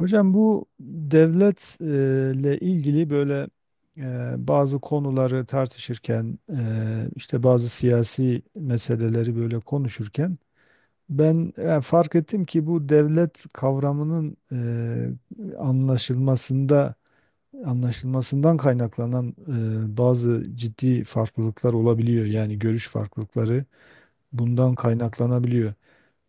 Hocam bu devletle ilgili böyle bazı konuları tartışırken işte bazı siyasi meseleleri böyle konuşurken ben fark ettim ki bu devlet kavramının anlaşılmasında anlaşılmasından kaynaklanan bazı ciddi farklılıklar olabiliyor. Yani görüş farklılıkları bundan kaynaklanabiliyor.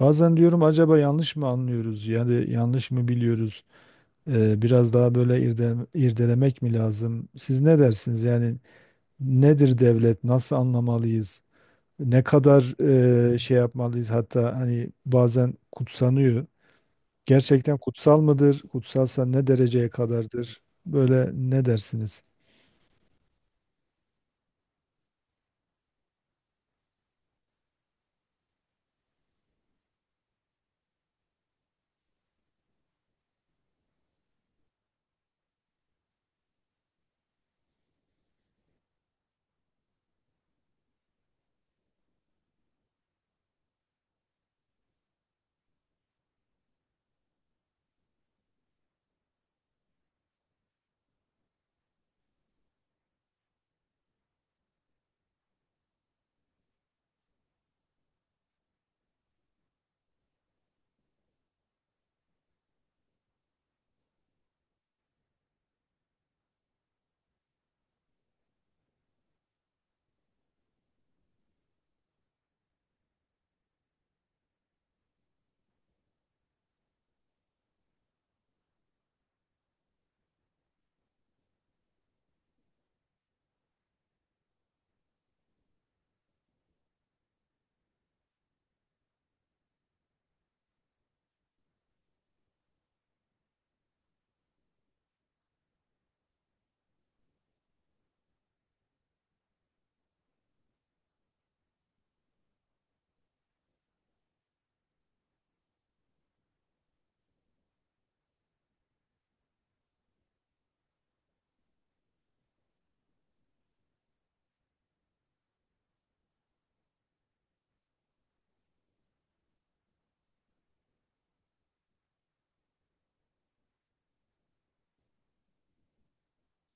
Bazen diyorum acaba yanlış mı anlıyoruz? Yani yanlış mı biliyoruz? Biraz daha böyle irdelemek mi lazım? Siz ne dersiniz? Yani nedir devlet? Nasıl anlamalıyız? Ne kadar şey yapmalıyız? Hatta hani bazen kutsanıyor. Gerçekten kutsal mıdır? Kutsalsa ne dereceye kadardır? Böyle ne dersiniz?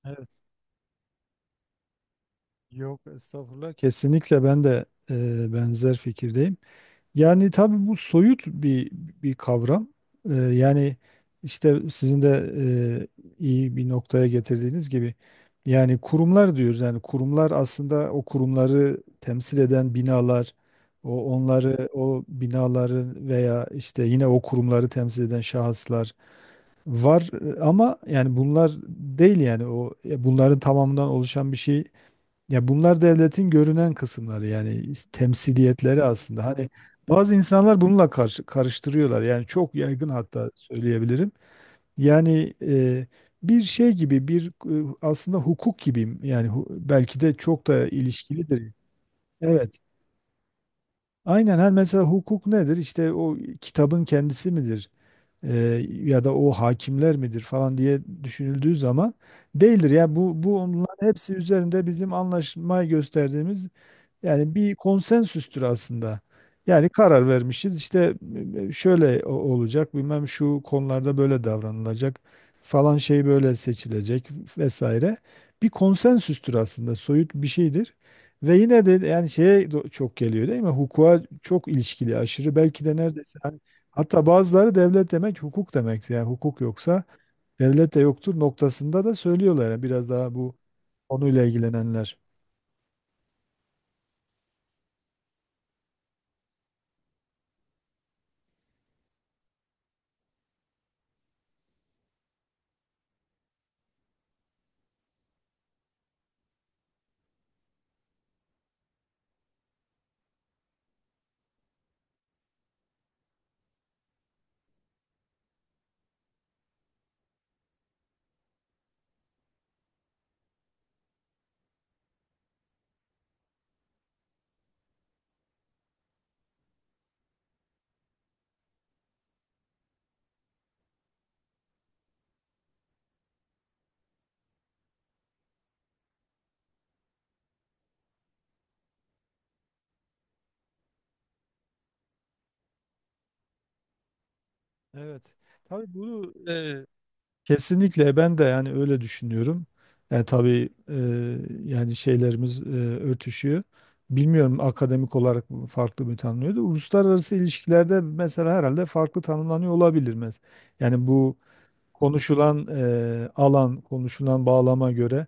Evet. Yok estağfurullah. Kesinlikle ben de benzer fikirdeyim. Yani tabii bu soyut bir kavram. Yani işte sizin de e, iyi bir noktaya getirdiğiniz gibi yani kurumlar diyoruz. Yani kurumlar aslında o kurumları temsil eden binalar, onları o binaları veya işte yine o kurumları temsil eden şahıslar var. Ama yani bunlar değil yani o bunların tamamından oluşan bir şey, ya bunlar devletin görünen kısımları yani temsiliyetleri aslında. Hani bazı insanlar bununla karıştırıyorlar. Yani çok yaygın hatta söyleyebilirim. Yani bir şey gibi bir aslında hukuk gibi yani belki de çok da ilişkilidir. Evet. Aynen her mesela hukuk nedir? İşte o kitabın kendisi midir? E, Ya da o hakimler midir falan diye düşünüldüğü zaman değildir. Ya bu onların hepsi üzerinde bizim anlaşmayı gösterdiğimiz yani bir konsensüstür aslında. Yani karar vermişiz işte şöyle olacak bilmem şu konularda böyle davranılacak falan şey böyle seçilecek vesaire. Bir konsensüstür aslında soyut bir şeydir. Ve yine de yani çok geliyor değil mi? Hukuka çok ilişkili aşırı belki de neredeyse hani hatta bazıları devlet demek hukuk demektir. Yani hukuk yoksa devlet de yoktur noktasında da söylüyorlar. Yani biraz daha bu konuyla ilgilenenler. Evet. Tabii bunu kesinlikle ben de yani öyle düşünüyorum. Tabii yani şeylerimiz örtüşüyor. Bilmiyorum akademik olarak bu farklı mı tanımlıyordu. Uluslararası ilişkilerde mesela herhalde farklı tanımlanıyor olabilir. Yani bu konuşulan alan, konuşulan bağlama göre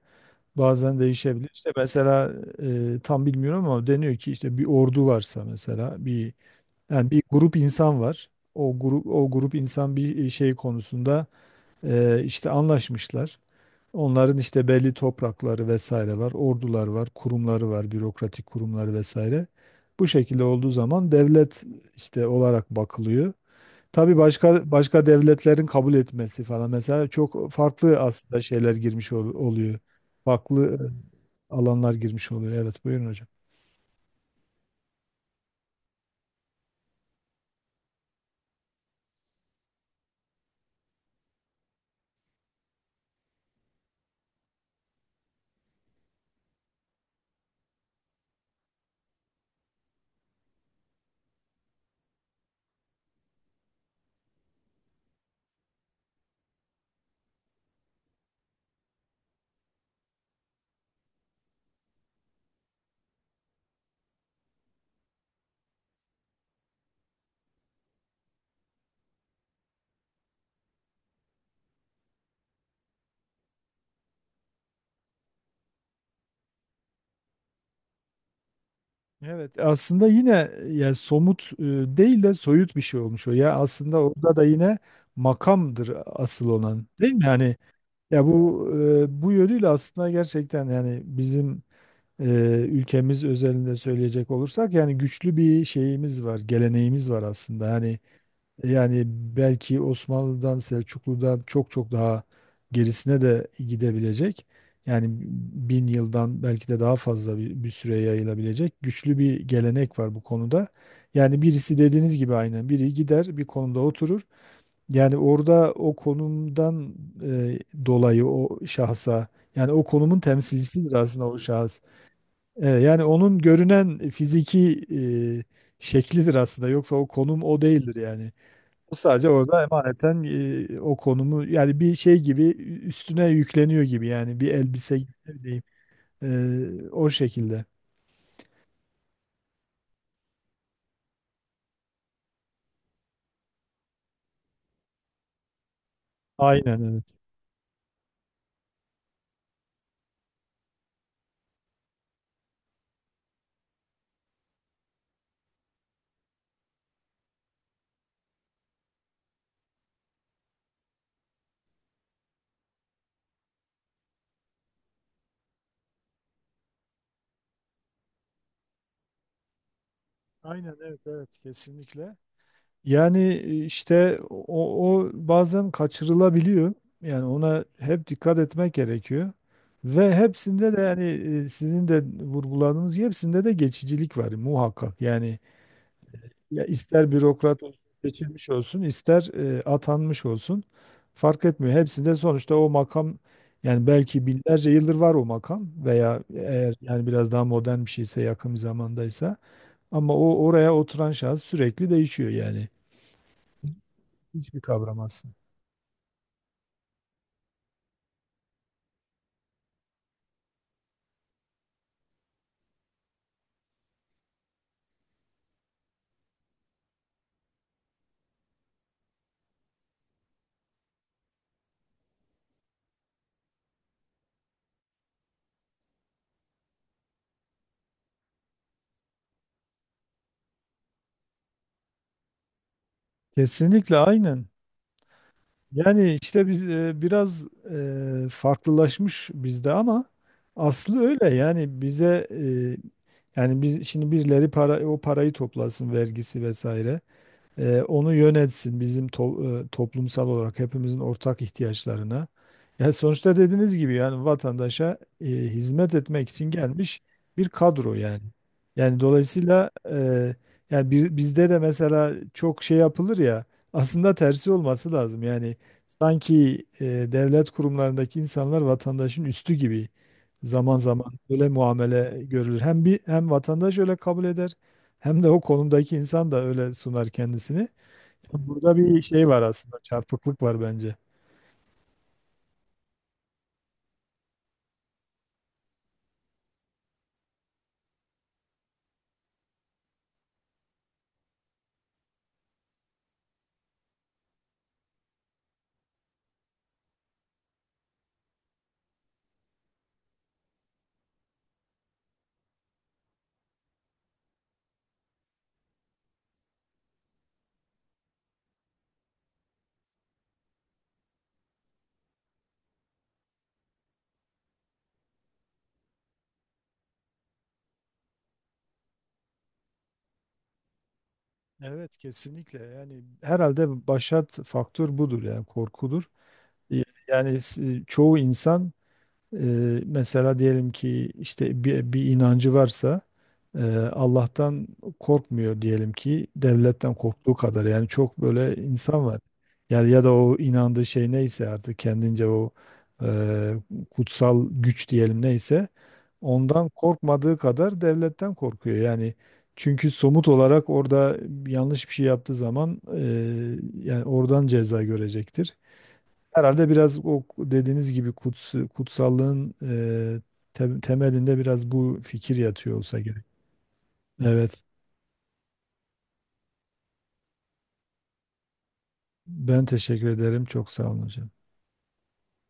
bazen değişebilir. İşte mesela tam bilmiyorum ama deniyor ki işte bir ordu varsa mesela bir yani bir grup insan var. O grup insan bir şey konusunda işte anlaşmışlar. Onların işte belli toprakları vesaire var, ordular var, kurumları var, bürokratik kurumları vesaire. Bu şekilde olduğu zaman devlet işte olarak bakılıyor. Tabii başka başka devletlerin kabul etmesi falan mesela çok farklı aslında şeyler oluyor. Farklı alanlar girmiş oluyor. Evet, buyurun hocam. Evet, aslında yine yani somut değil de soyut bir şey olmuş o. Ya aslında orada da yine makamdır asıl olan, değil mi? Yani ya bu bu yönüyle aslında gerçekten yani bizim e, ülkemiz özelinde söyleyecek olursak yani güçlü bir şeyimiz var, geleneğimiz var aslında. Yani yani belki Osmanlı'dan, Selçuklu'dan çok çok daha gerisine de gidebilecek. Yani bin yıldan belki de daha fazla bir süre yayılabilecek güçlü bir gelenek var bu konuda. Yani birisi dediğiniz gibi aynen biri gider bir konuda oturur. Yani orada o konumdan e, dolayı o şahsa yani o konumun temsilcisidir aslında o şahıs. Yani onun görünen fiziki şeklidir aslında. Yoksa o konum o değildir yani. O sadece orada emaneten o konumu yani bir şey gibi üstüne yükleniyor gibi yani bir elbise gibi ne bileyim. O şekilde. Aynen evet. Aynen evet, evet, kesinlikle. Yani işte o bazen kaçırılabiliyor. Yani ona hep dikkat etmek gerekiyor. Ve hepsinde de yani sizin de vurguladığınız gibi hepsinde de geçicilik var muhakkak. Yani ya ister bürokrat olsun, seçilmiş olsun, ister atanmış olsun fark etmiyor. Hepsinde sonuçta o makam yani belki binlerce yıldır var o makam veya eğer yani biraz daha modern bir şeyse yakın bir zamandaysa ama o oraya oturan şahıs sürekli değişiyor yani. Hiçbir kavram aslında. Kesinlikle aynen. Yani işte biz biraz farklılaşmış bizde ama aslı öyle. Yani bize yani biz şimdi birileri para parayı toplasın vergisi vesaire. Onu yönetsin bizim toplumsal olarak hepimizin ortak ihtiyaçlarına. Yani sonuçta dediğiniz gibi yani vatandaşa hizmet etmek için gelmiş bir kadro yani. Yani dolayısıyla yani bizde de mesela çok şey yapılır ya aslında tersi olması lazım. Yani sanki devlet kurumlarındaki insanlar vatandaşın üstü gibi zaman zaman böyle muamele görülür. Hem bir hem vatandaş öyle kabul eder. Hem de o konumdaki insan da öyle sunar kendisini. Burada bir şey var aslında, çarpıklık var bence. Evet, kesinlikle. Yani herhalde başat faktör budur yani korkudur. Yani çoğu insan mesela diyelim ki işte bir inancı varsa eee, Allah'tan korkmuyor diyelim ki devletten korktuğu kadar yani çok böyle insan var. Yani ya da o inandığı şey neyse artık kendince o eee, kutsal güç diyelim neyse ondan korkmadığı kadar devletten korkuyor. Yani çünkü somut olarak orada yanlış bir şey yaptığı zaman yani oradan ceza görecektir. Herhalde biraz o dediğiniz gibi kutsallığın e, temelinde biraz bu fikir yatıyor olsa gerek. Evet. Ben teşekkür ederim. Çok sağ olun hocam.